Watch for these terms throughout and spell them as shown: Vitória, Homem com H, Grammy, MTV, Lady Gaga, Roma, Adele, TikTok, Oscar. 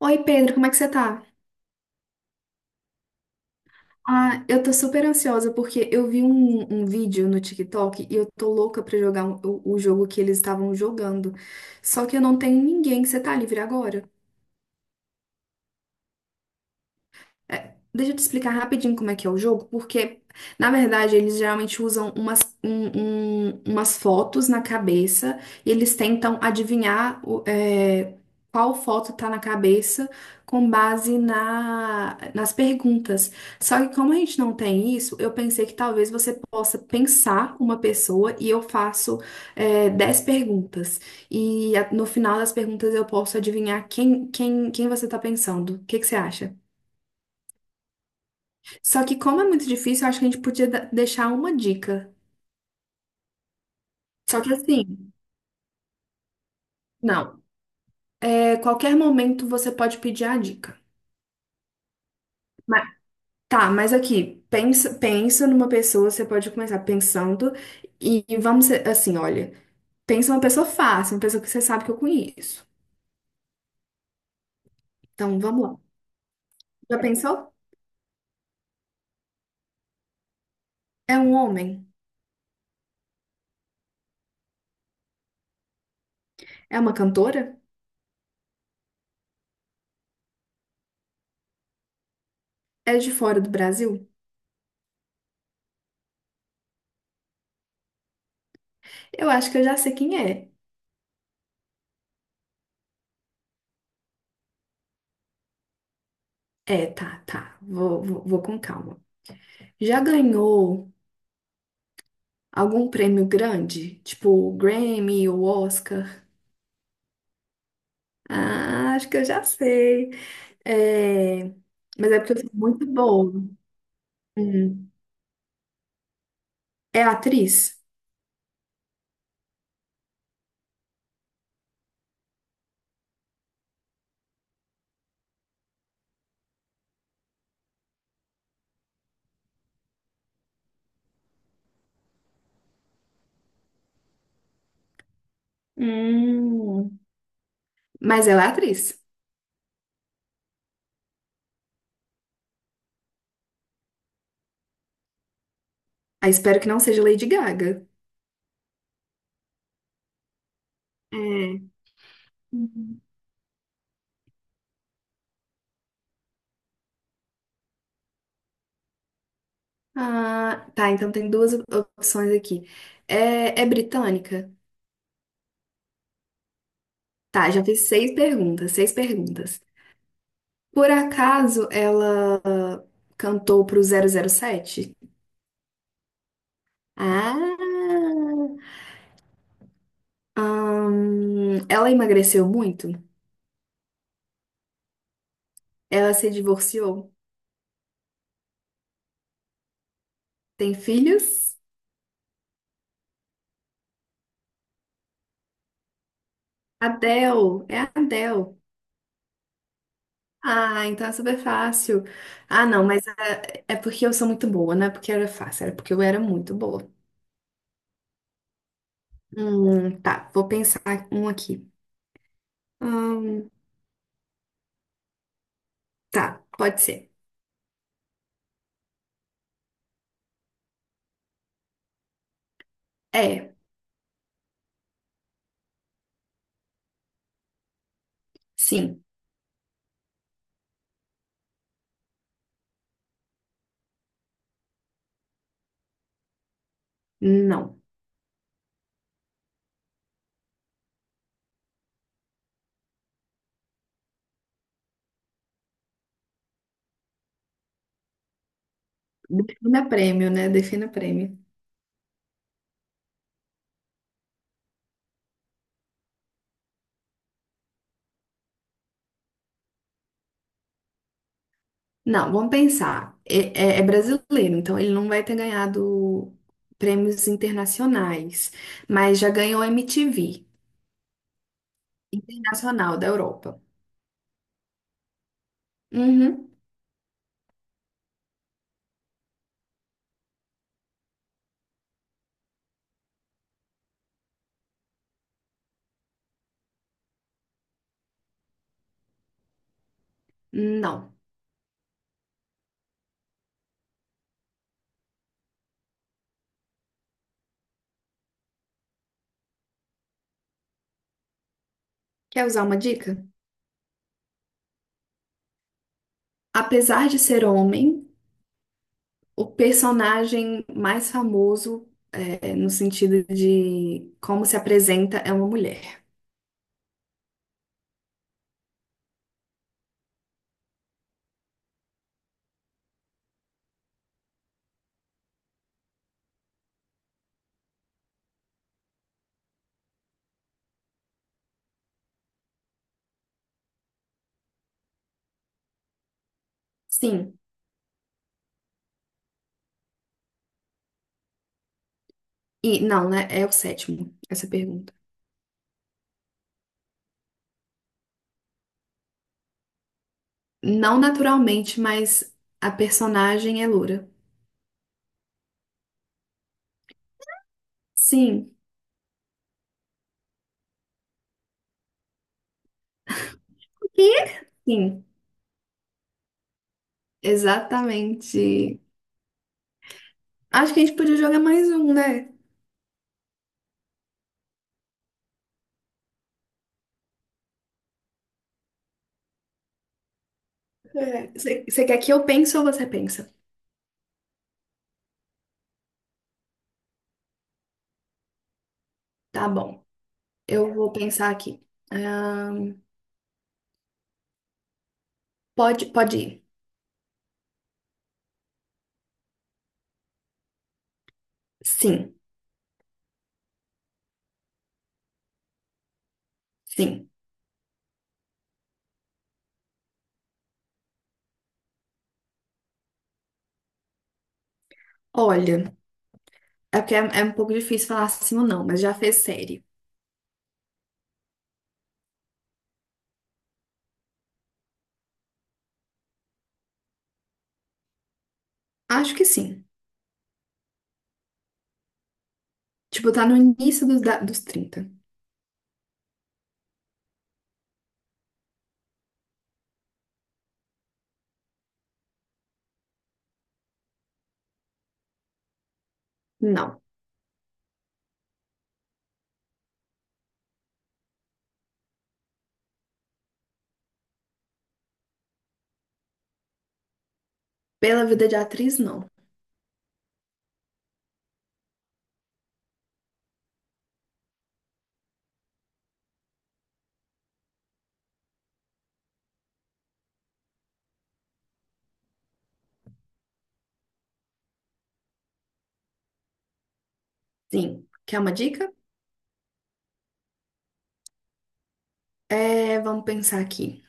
Oi, Pedro, como é que você tá? Eu tô super ansiosa porque eu vi um vídeo no TikTok e eu tô louca pra jogar o jogo que eles estavam jogando. Só que eu não tenho ninguém. Você tá livre agora? Deixa eu te explicar rapidinho como é que é o jogo, porque, na verdade, eles geralmente usam umas fotos na cabeça e eles tentam adivinhar qual foto tá na cabeça com base nas perguntas. Só que como a gente não tem isso, eu pensei que talvez você possa pensar uma pessoa e eu faço 10 perguntas. E no final das perguntas eu posso adivinhar quem você tá pensando. O que que você acha? Só que como é muito difícil, eu acho que a gente podia deixar uma dica. Só que assim, não. É, qualquer momento você pode pedir a dica. Mas- tá, mas aqui, pensa numa pessoa, você pode começar pensando e assim, olha, pensa uma pessoa fácil, uma pessoa que você sabe que eu conheço. Então, vamos lá. Já pensou? É um homem? É uma cantora? É de fora do Brasil? Eu acho que eu já sei quem é. Tá, tá. Vou com calma. Já ganhou algum prêmio grande? Tipo o Grammy ou Oscar? Ah, acho que eu já sei. É. Mas é porque eu sou muito boa. Hum, É atriz? Hum, Mas ela é atriz. Ah, espero que não seja Lady Gaga. É. Uhum. Ah, tá. Então tem duas opções aqui. É britânica? Tá, já fiz seis perguntas, seis perguntas. Por acaso ela cantou pro 007? Ah, ela emagreceu muito? Ela se divorciou? Tem filhos? Adele, é a Adele. Ah, então é super fácil. Ah, não, é porque eu sou muito boa, não é porque era fácil, era porque eu era muito boa. Tá, vou pensar um aqui. Hum, tá, pode ser. É, sim, não. Defina prêmio, né? Defina prêmio. Não, vamos pensar. É brasileiro, então ele não vai ter ganhado prêmios internacionais, mas já ganhou MTV Internacional da Europa. Uhum. Não. Quer usar uma dica? Apesar de ser homem, o personagem mais famoso, é, no sentido de como se apresenta, é uma mulher. Sim. E não, né? É o sétimo, essa pergunta. Não naturalmente, mas a personagem é loura. Sim. E? Sim, exatamente. Acho que a gente podia jogar mais um, né? É, você quer que eu pense ou você pensa? Tá bom, eu vou pensar aqui. Ahn, pode ir. Sim, sim. Olha, é porque é um pouco difícil falar sim ou não, mas já fez série. Acho que sim. Tipo, tá no início dos 30. Não. Pela vida de atriz, não. Sim. Quer uma dica? É, vamos pensar aqui.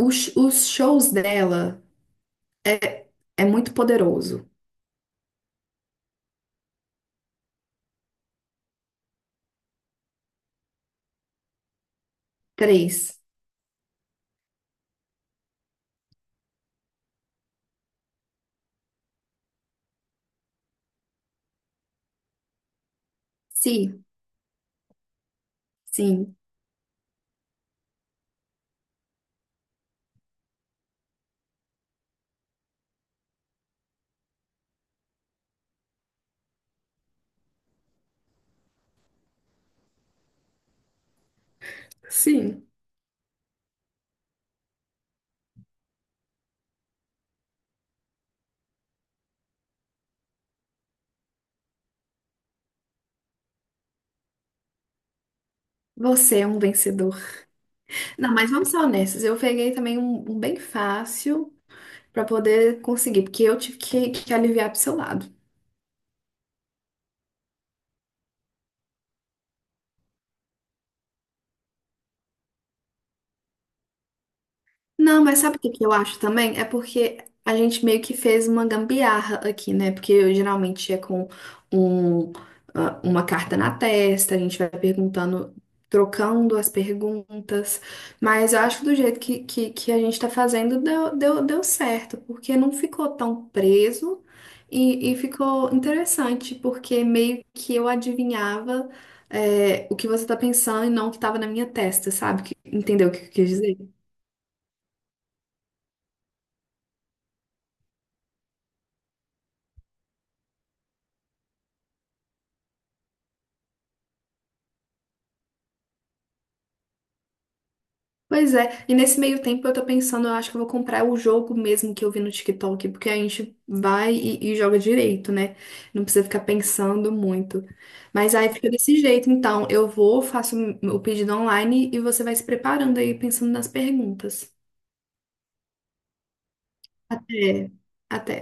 Os shows dela é, é muito poderoso. Três. Se, sim, sim, você é um vencedor. Não, mas vamos ser honestos. Eu peguei também um bem fácil pra poder conseguir, porque eu tive que aliviar pro seu lado. Não, mas sabe o que que eu acho também? É porque a gente meio que fez uma gambiarra aqui, né? Porque eu geralmente é com um, ah, uma carta na testa, a gente vai perguntando, trocando as perguntas. Mas eu acho que do jeito que a gente tá fazendo deu certo, porque não ficou tão preso e ficou interessante, porque meio que eu adivinhava, o que você tá pensando e não o que tava na minha testa, sabe? Entendeu o que eu quis dizer? Pois é, e nesse meio tempo eu tô pensando, eu acho que eu vou comprar o jogo mesmo que eu vi no TikTok, porque a gente vai e joga direito, né? Não precisa ficar pensando muito. Mas aí fica desse jeito, então eu vou, faço o pedido online e você vai se preparando aí, pensando nas perguntas. Até, até.